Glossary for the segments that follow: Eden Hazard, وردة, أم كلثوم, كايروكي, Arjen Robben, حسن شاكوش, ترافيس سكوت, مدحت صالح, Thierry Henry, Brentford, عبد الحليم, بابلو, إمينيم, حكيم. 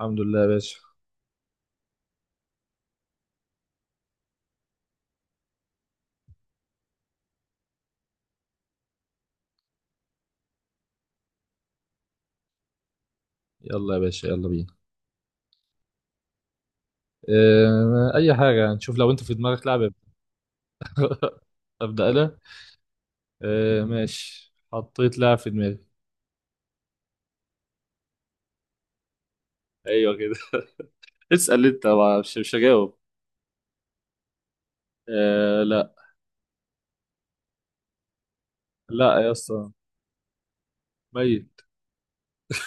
الحمد لله يا باشا. يلا يا باشا، يلا بينا. اه، اي حاجه نشوف لو انت في دماغك لعبه. ابدا انا. اه ماشي، حطيت لعب في دماغي. ايوه كده. اسال انت، مش هجاوب. اه لا. لا يا اسطى. ميت.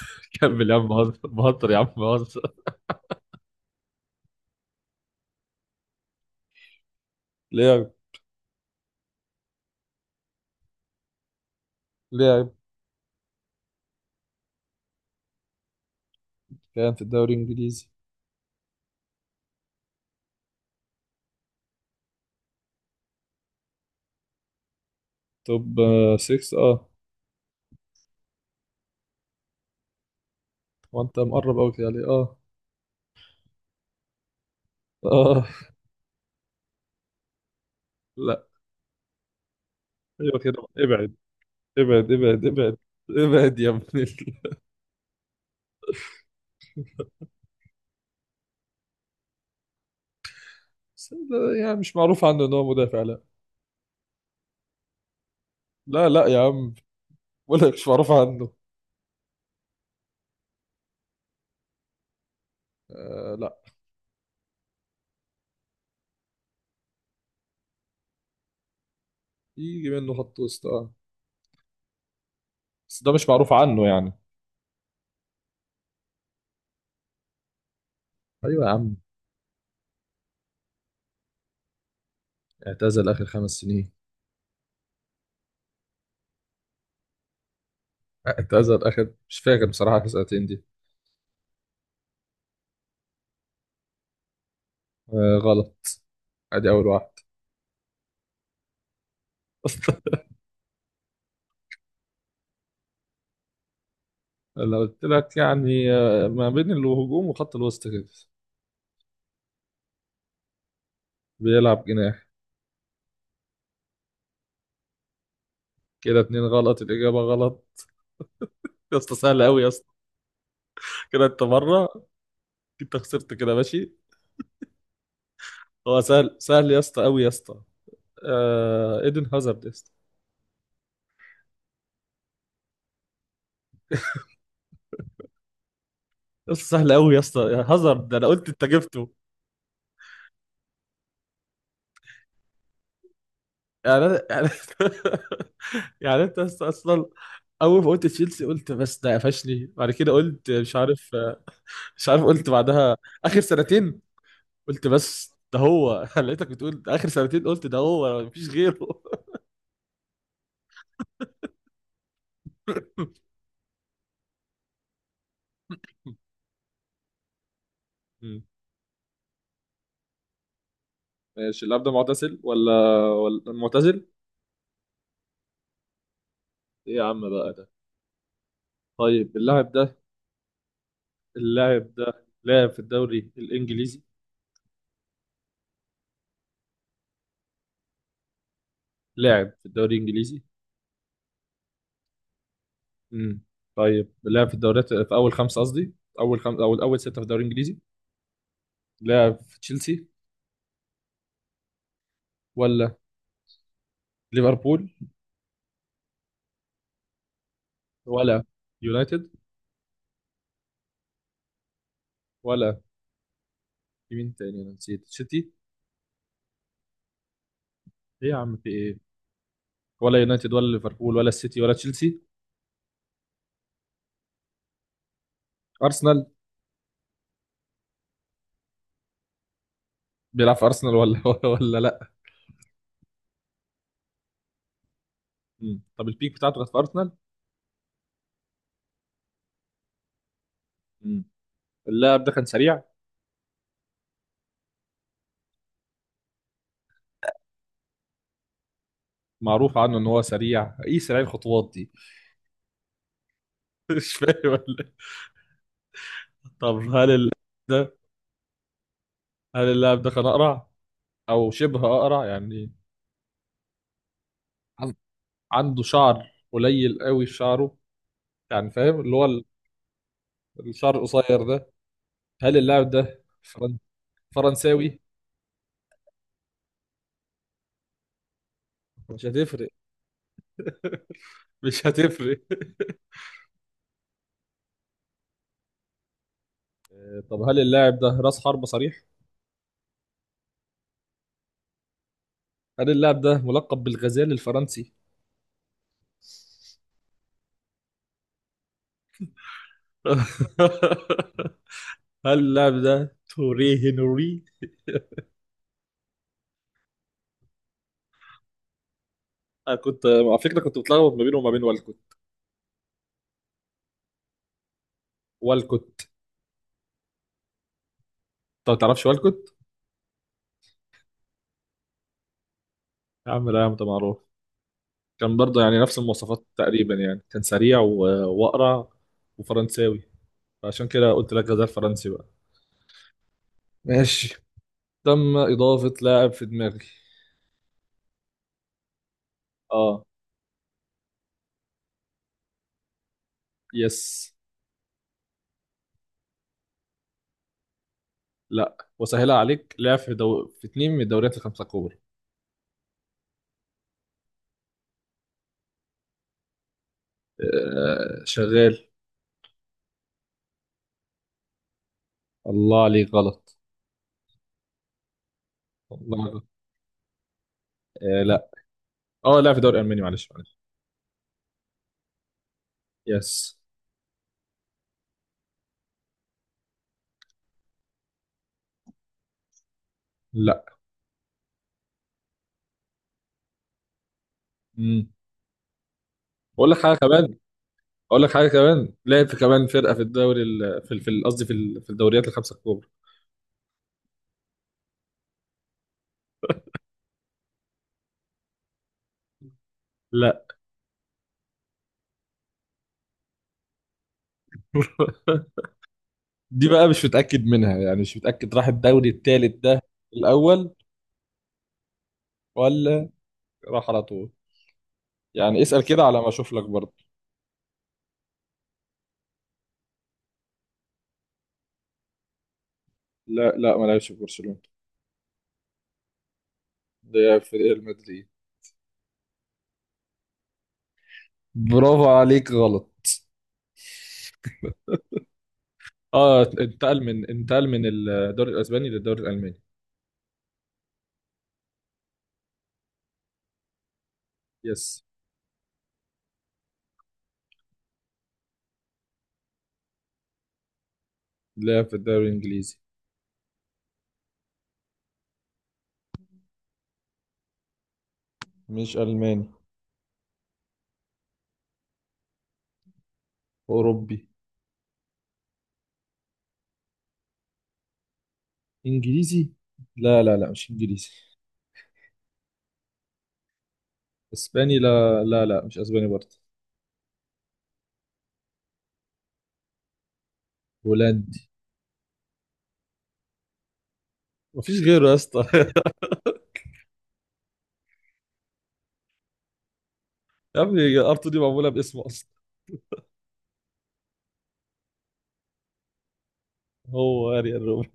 كمل يا عم، بهزر بهزر يا عم، بهزر. لعب. لعب. كان في الدوري الانجليزي. توب 6، اه. وانت مقرب قوي كده عليه، اه. اه لا. ايوه كده، ابعد. ابعد ابعد ابعد. ابعد يا ابني. بس ده يعني مش معروف عنه ان هو مدافع، لا. لا لا يا عم، بقول لك مش معروف عنه. آه لا. يجي منه خط وسط، اه. بس ده مش معروف عنه يعني. ايوه يا عم. اعتزل اخر خمس سنين. اعتزل اخر مش فاكر بصراحه اخر سنتين دي. آه غلط. ادي اول واحد. لو قلت لك يعني ما بين الهجوم وخط الوسط كده. بيلعب جناح. كده اتنين غلط، الاجابه غلط. يا اسطى سهل قوي يا اسطى. كده انت مره. انت خسرت كده، ماشي. هو سهل، سهل يا اسطى، قوي يا اسطى. ايدن هازارد يا اسطى. قصة سهلة قوي يا اسطى، يا هازارد ده انا قلت انت جبته. يعني انا يعني يعني انت اصلا، اول ما قلت تشيلسي قلت بس ده قفشني، بعد كده قلت مش عارف. مش عارف قلت بعدها. اخر سنتين. قلت بس ده هو لقيتك بتقول اخر سنتين، قلت ده هو مفيش غيره. مم. ماشي، اللاعب ده معتزل ولا؟ ولا معتزل. ايه يا عم بقى ده؟ طيب، اللاعب ده. اللاعب ده لاعب في الدوري الانجليزي. لاعب في الدوري الانجليزي. امم طيب لعب في الدوريات في اول خمسه، قصدي اول خمسه او اول سته في الدوري الانجليزي. لعب في تشيلسي ولا؟ ليفربول ولا؟ يونايتد ولا؟ في مين تاني؟ انا نسيت سيتي. ايه يا عم، في ايه؟ ولا يونايتد ولا ليفربول ولا السيتي ولا تشيلسي. ارسنال. بيلعب في ارسنال ولا ولا لا. طب البيك بتاعته كانت في ارسنال. امم اللاعب ده كان سريع. معروف عنه ان هو سريع، ايه سريع الخطوات دي. مش فاهم ولا إيه؟ طب هل ده، هل اللاعب ده كان اقرع او شبه اقرع يعني، عنده شعر قليل قوي في شعره، يعني فاهم اللي هو الشعر القصير ده. هل اللاعب ده فرنساوي. مش هتفرق. مش هتفرق. طب هل اللاعب ده راس حربة صريح؟ هل اللاعب ده ملقب بالغزال الفرنسي؟ هل اللاعب ده توري هنري؟ انا كنت على فكره كنت بتلخبط ما بينه وما بين والكوت. والكوت. انت ما تعرفش والكوت؟ يا عم لا يا عم، ده معروف. كان برضه يعني نفس المواصفات تقريبا، يعني كان سريع وأقرع وفرنساوي، فعشان كده قلت لك غزال فرنسي بقى. ماشي. تم إضافة لاعب في دماغي. اه. يس. لا، وسهلة عليك، لاعب في في اتنين من الدوريات الخمسة الكبرى. آه شغال. الله عليك غلط. الله غلط. آه لا. اه لاعب في الدوري الألماني، معلش معلش. يس. لا. مم. أقول لك حاجة كمان. أقول لك حاجة كمان، لعب في كمان فرقة في الدوري قصدي في الدوريات الخمسة الكبرى. لا. دي بقى مش متأكد منها، يعني مش متأكد راح الدوري التالت ده الأول ولا راح على طول. يعني اسأل كده على ما أشوف لك برضه. لا لا، ما لعبش في برشلونة. ده في ريال مدريد. برافو عليك، غلط. اه، انتقل من الدوري الأسباني للدوري الألماني. يس. لعب في الدوري الإنجليزي. مش ألماني. أوروبي. إنجليزي. لا لا لا، مش إنجليزي. إسباني. لا لا لا، مش أسباني برضه. هولندي. مفيش غيره يا اسطى يا ابني، ارتو دي معموله باسمه. هو اريال روبن.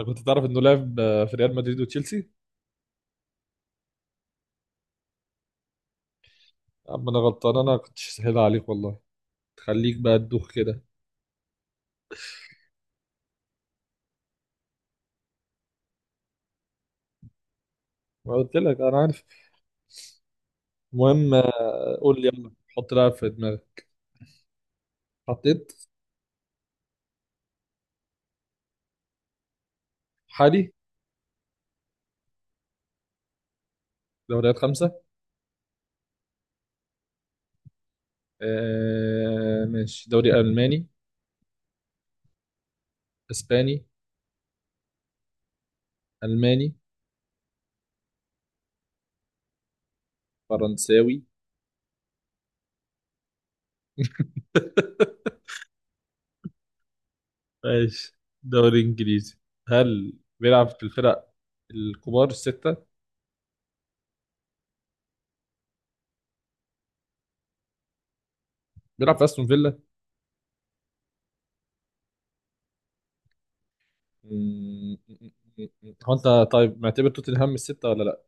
انت كنت تعرف انه لعب في ريال مدريد وتشيلسي. اما انا غلطان، انا كنت سهل عليك والله. تخليك بقى تدوخ كده. ما قلت لك انا عارف. المهم قول لي يلا حط لاعب في دماغك. حطيت. حالي. دوريات خمسة. ماشي، دوري ألماني. إسباني. ألماني. فرنساوي. ماشي، دوري إنجليزي. هل بيلعب في الفرق الكبار الستة؟ بيلعب في أستون فيلا. مم. هو انت طيب معتبر توتنهام الستة ولا لا؟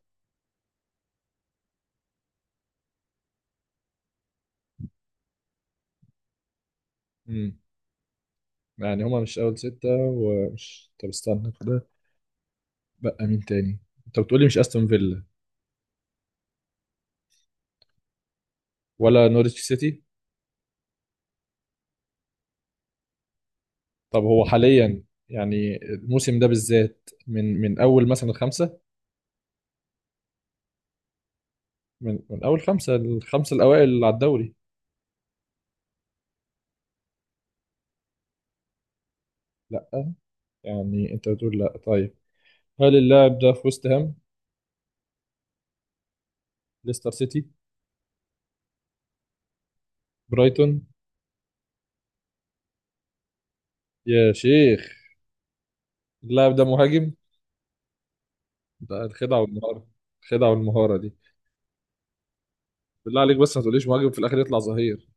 مم. يعني هما مش اول ستة، ومش، طب استنى كده، بقى مين تاني؟ انت بتقولي مش استون فيلا ولا نورwich سيتي؟ طب هو حاليا، يعني الموسم ده بالذات، من اول مثلا الخمسة، من اول خمسة، الخمسة الاوائل على الدوري. لا. يعني انت بتقول لا. طيب، هل اللاعب ده في وست هام؟ ليستر سيتي؟ برايتون؟ يا شيخ. اللاعب ده مهاجم؟ ده الخدعة والمهارة. الخدعة والمهارة. بالله عليك بس ما تقوليش مهاجم في الاخر يطلع ظهير.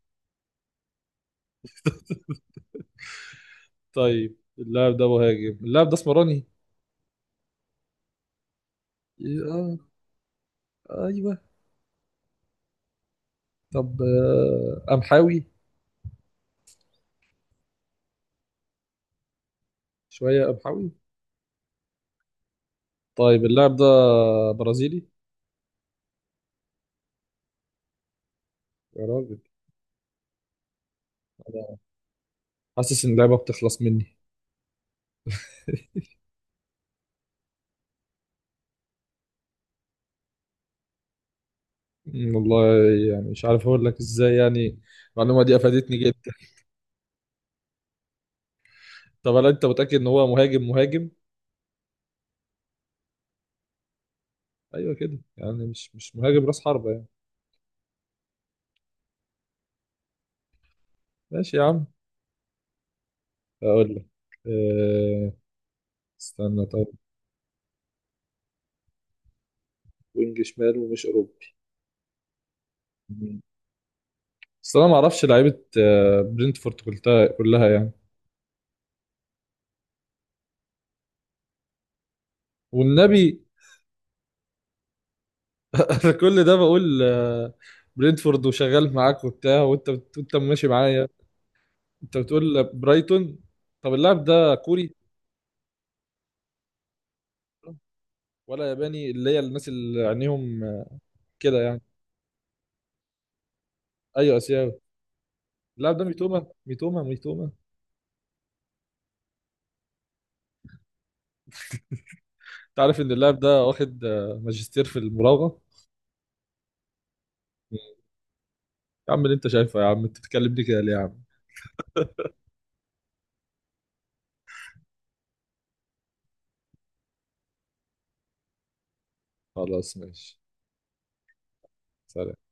طيب، اللاعب ده مهاجم، اللاعب ده اسمراني. اه. ايوه. طب قمحاوي. شويه قمحاوي. طيب اللاعب ده برازيلي. يا راجل. انا حاسس ان اللعبه بتخلص مني. والله يعني مش عارف اقول لك ازاي يعني. المعلومه دي افادتني جدا. طب هل انت متاكد ان هو مهاجم مهاجم؟ ايوه كده، يعني مش مهاجم راس حربه يعني. ماشي يا عم. اقول لك، أه استنى طيب. وينج شمال ومش اوروبي. بس انا ما اعرفش لعيبه برينتفورد كلها كلها يعني. والنبي انا كل ده بقول برينتفورد وشغال معاك وبتاع، وانت وانت ماشي معايا. انت بتقول برايتون. طب اللاعب ده كوري ولا ياباني، اللي هي الناس اللي عينيهم كده يعني. ايوه اسيوي. اللاعب ده ميتوما ميتوما ميتوما. انت عارف ان اللاعب ده واخد ماجستير في المراوغه. يا عم اللي انت شايفه يا عم، انت بتتكلم دي كده ليه يا عم؟ خلاص ماشي. سلام.